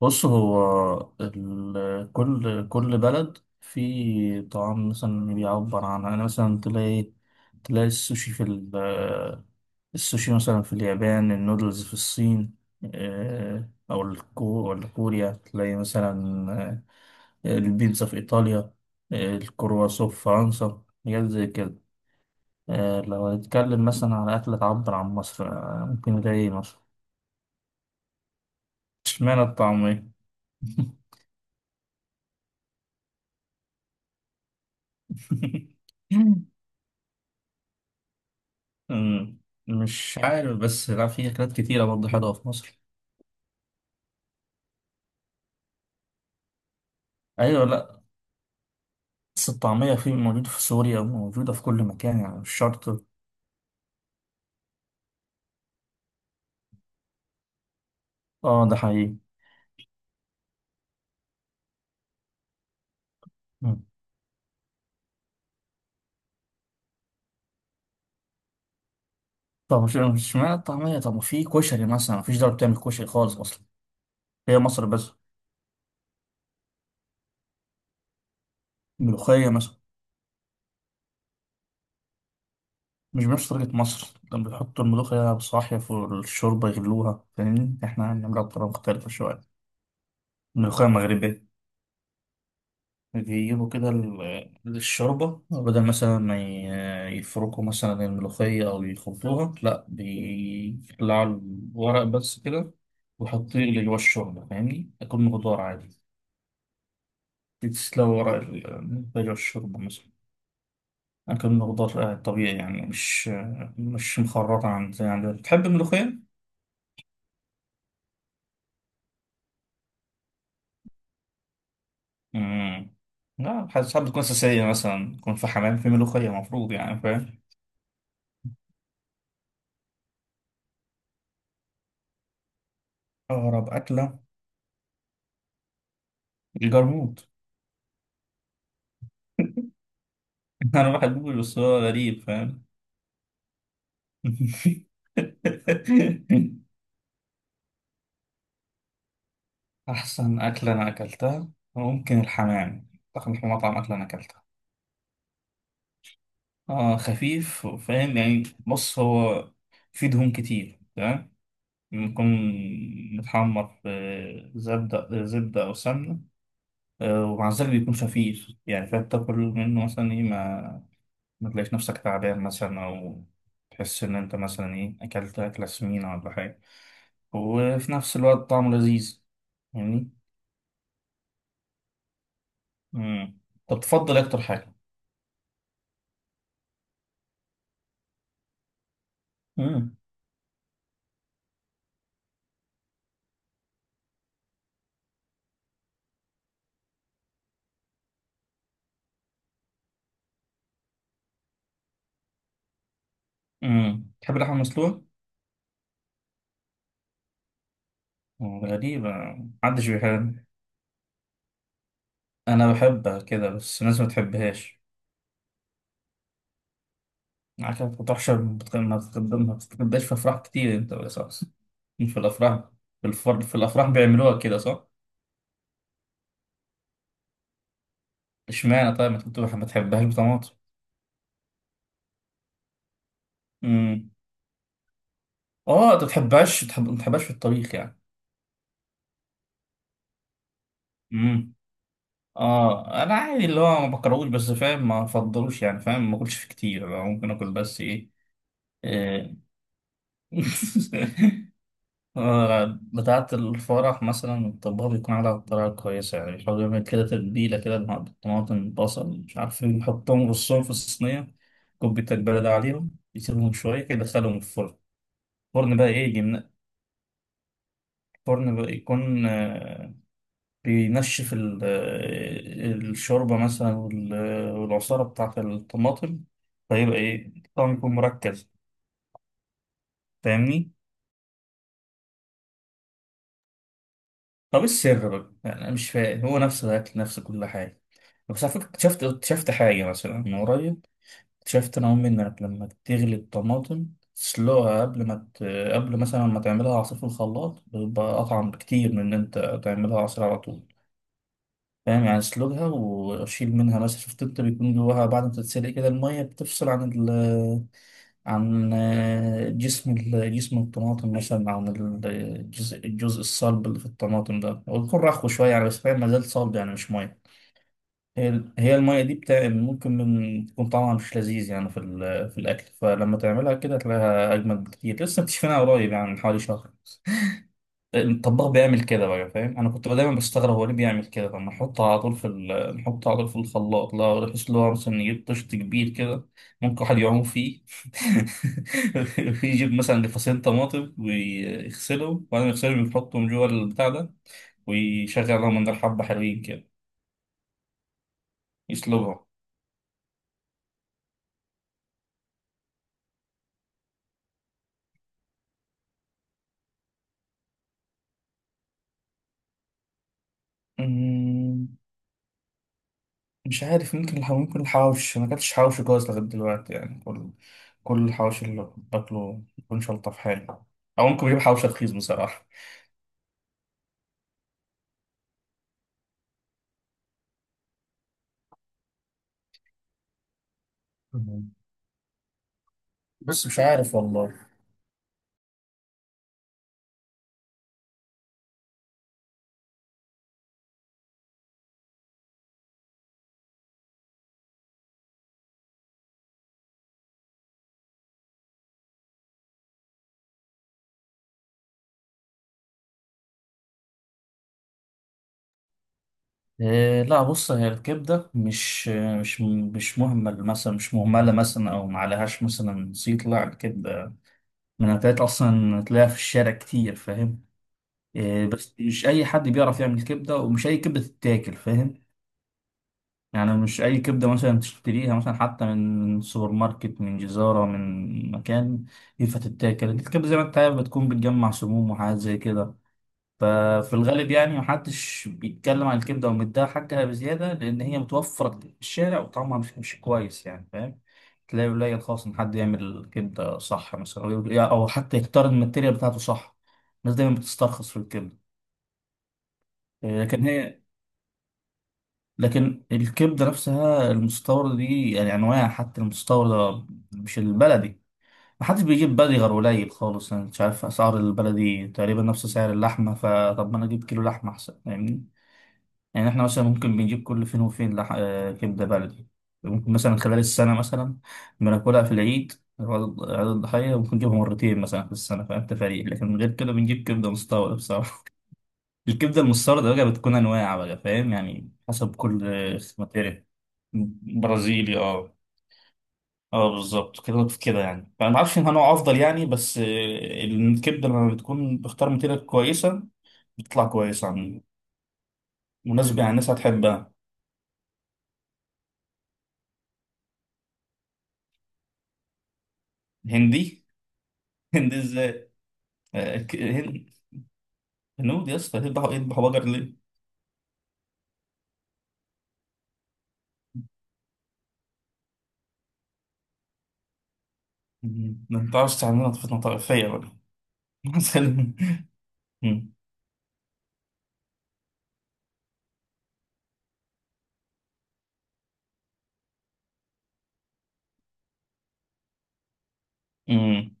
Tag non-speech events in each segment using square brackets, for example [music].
بص هو كل بلد في طعام مثلا بيعبر عنها، يعني مثلا تلاقي تلاقي السوشي في ال- السوشي مثلا في اليابان، النودلز في الصين، أو ولا كوريا، تلاقي مثلا البيتزا في إيطاليا، الكرواسون في فرنسا، حاجات زي كده. لو هنتكلم مثلا على أكلة تعبر عن مصر، ممكن نلاقي مصر. اشمعنى الطعمية؟ [laughs] [laughs] أمم، مش عارف، بس لا، في أكلات كتيرة برضه حلوة في مصر. أيوة، لا، بس الطعمية موجودة في سوريا وموجودة في كل مكان، يعني مش شرط. اه ده حقيقي. أمم. طب مش معنى الطعمية، طب في كشري مثلا، مفيش دولة بتعمل كشري خالص أصلا، هي مصر بس. ملوخية مثلا، مش بنفس طريقة مصر لما بيحطوا الملوخية بصاحية في الشوربة يغلوها، فاهمني، احنا بنعملها بطريقة مختلفة شوية. ملوخية مغربية، بيجيبوا كده الشوربة، بدل مثلا ما يفركوا مثلا الملوخية أو يخلطوها، لأ بيقلعوا الورق بس كده ويحطوه يغلي جوا الشوربة، فاهمني؟ أكل خضار عادي، تسلق ورق الملوخية جوا الشوربة مثلا. أكل خضار طبيعي يعني، مش مخرطة عن زي عندنا. بتحب الملوخية؟ مم. لا، حاسس ساعات بتكون أساسية، مثلا يكون في حمام في ملوخية مفروض، يعني فاهم؟ أغرب أكلة؟ الجرموط. [laughs] [laughs] انا بحبوش، بس هو غريب فاهم. [laughs] احسن اكله انا اكلتها ممكن الحمام، احسن مطعم اكله انا اكلتها. اه خفيف، فاهم يعني. بص هو فيه دهون كتير، تمام، بيكون متحمر في زبدة، زبدة أو سمنة، ومع ذلك بيكون خفيف يعني، فأنت تاكل منه مثلا إيه، ما تلاقيش نفسك تعبان مثلا، أو تحس إن أنت مثلا إيه أكلت أكلة سمينة ولا حاجة، وفي نفس الوقت طعمه لذيذ. فاهمني؟ امم طب تفضل إيه اكتر حاجه؟ امم تحب اللحمه المسلوقه؟ غريبه. محدش بيحب، انا بحبها كده بس الناس ما بتحبهاش. عارف، ما بتروحش، ما بتتغداش في افراح كتير انت بالاساس؟ في الافراح، في الافراح بيعملوها كده صح؟ اشمعنى؟ طيب ما تحبهاش بطماطم؟ امم اه، انت ما بتحبهاش، ما بتحبهاش في الطبيخ يعني. اه، انا عادي، اللي هو ما بكرهوش بس فاهم، ما افضلوش يعني فاهم، ما اكلش فيه كتير، أنا ممكن اكل بس ايه آه، [laughs] بتاعة الفرح مثلا، الطباخ بيكون على طريقة كويسة يعني، بيحاول يعمل كده تتبيلة كده بالطماطم، بصل، مش عارف ايه، يحطهم يرصهم في الصينية، كوباية البلد عليهم، يسيبهم شوية كده، يدخلهم الفرن. الفرن بقى ايه يجي الفرن بقى يكون بينشف الشوربة مثلا والعصارة بتاعة الطماطم، فيبقى إيه الطعم يكون مركز. فاهمني؟ طب إيه السر بقى؟ يعني أنا مش فاهم، هو نفس الأكل، نفس كل حاجة. بس على فكرة اكتشفت، اكتشفت حاجة مثلا من قريب. اكتشفت أنا وأمي إنك لما تغلي الطماطم، تسلقها قبل مثلا ما تعملها عصير في الخلاط، بيبقى أطعم بكتير من إن أنت تعملها عصير على طول. فاهم يعني، اسلقها واشيل منها، مثلا شفت انت بيكون جواها بعد ما تتسلق كده، الميه بتفصل عن ال عن آه، جسم جسم الطماطم مثلا، عن الجزء الصلب اللي في الطماطم ده، ويكون رخو شويه يعني، بس فاهم ما زال صلب يعني مش ميه. هي هي الميه دي بتاع ممكن من تكون طعمها مش لذيذ يعني في في الاكل، فلما تعملها كده تلاقيها اجمل بكتير. لسه مكتشفينها قريب يعني، من حوالي شهر. الطباخ بيعمل كده بقى، فاهم، انا كنت دايما بستغرب هو ليه بيعمل كده، طب نحطه على طول في نحطه على طول في الخلاط، لا بحيث اللي هو مثلا نجيب طشت كبير كده ممكن واحد يعوم فيه. [laughs] يجيب مثلا لفصين طماطم ويغسلهم، وبعدين يغسلهم يحطهم جوه البتاع ده، ويشغل لهم من حبة حلوين كده، يسلقهم. أمم، مش عارف، ممكن ممكن الحواوش، انا ماكلتش حواوشي كويس لغايه دلوقتي يعني، كل الحواوشي اللي باكله ما بيكونش الطف حاجه، او ممكن بجيب حواوشي رخيص بصراحه. مم. بس مش عارف والله. إيه، لا، بص هي الكبدة مش مهمل مثلا، مش مهملة مثلا أو معلهاش مثلا زيت، لا الكبدة من الأكلات أصلا تلاقيها في الشارع كتير، فاهم. إيه بس مش أي حد بيعرف يعمل كبدة، ومش أي كبدة تتاكل، فاهم. يعني مش أي كبدة مثلا تشتريها مثلا حتى من سوبر ماركت، من جزارة، من مكان، ينفع تتاكل، الكبدة زي ما أنت عارف بتكون بتجمع سموم وحاجات زي كده. ففي الغالب يعني محدش بيتكلم عن الكبدة ومديها حقها بزيادة، لأن هي متوفرة في الشارع وطعمها مش كويس يعني فاهم. تلاقي قليل خالص إن حد يعمل كبدة صح مثلا، أو أو حتى يختار الماتيريال بتاعته صح. الناس دايما بتسترخص في الكبدة، لكن هي، لكن الكبدة نفسها المستوردة دي يعني أنواع، حتى المستوردة، مش البلدي. محدش بيجيب بلدي غير قليل خالص، أنا مش عارف، أسعار البلدي تقريبا نفس سعر اللحمة، فطب ما أنا أجيب كيلو لحمة أحسن، فاهمني. يعني احنا مثلا ممكن بنجيب كل فين وفين لح... آه، كبدة بلدي، ممكن مثلا خلال السنة مثلا بناكلها في العيد، عيد عيد الضحية، ممكن نجيبها مرتين مثلا في السنة، فاهم، تفاريق، لكن من غير كده بنجيب كبدة مستوردة بصراحة. [laughs] الكبدة المستوردة بقى بتكون أنواع بقى، فاهم يعني حسب كل ماتيريال. برازيلي، اه، اه بالظبط كده كده يعني، فأنا ما اعرفش انها نوع افضل يعني، بس الكبده لما بتكون بختار ماتيريال كويسه، بتطلع كويسه، عن مناسبه يعني، الناس هتحبها. هندي. [laughs] هندي ازاي؟ آه، ك- هن- هنود يا اسطى يذبحوا، يذبحوا بقر ليه؟ مم. ما ينفعش تعملها طفلة طائفية بقى. [laughs] مثلا. مم. مم.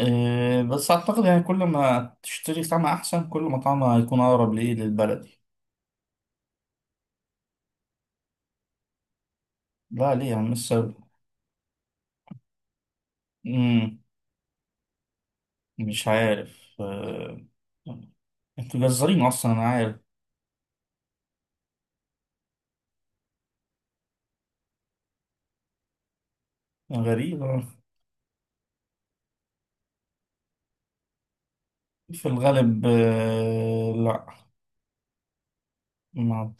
بس أعتقد يعني كل ما تشتري طعمها أحسن، كل ما طعمها هيكون أقرب لإيه، للبلدي. لا ليه يا عم السبب؟ مم. مش عارف انتوا جزارين أصلا أنا عارف. غريبة. في الغالب لا، ما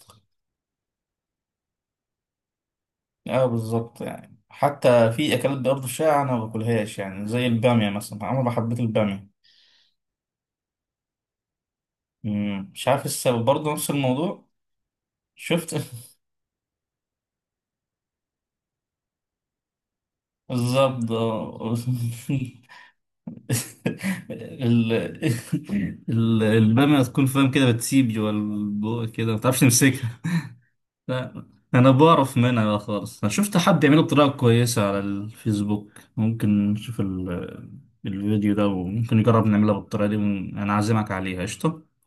اه بالظبط يعني، حتى في اكلات برضه شائعة انا ما باكلهاش يعني، زي البامية مثلا عمري ما حبيت البامية. مم، مش عارف إيه السبب برضه، نفس الموضوع. شفت؟ [laughs] بالظبط آه. [laughs] ال... البامية تكون فاهم كده، بتسيب جوا البوق كده، ما تعرفش تمسكها. لا، انا بعرف منها بقى خالص، انا شفت حد يعمله بطريقة كويسة على الفيسبوك، ممكن نشوف الفيديو ده، وممكن نجرب نعملها بالطريقة دي، انا عازمك عليها قشطة.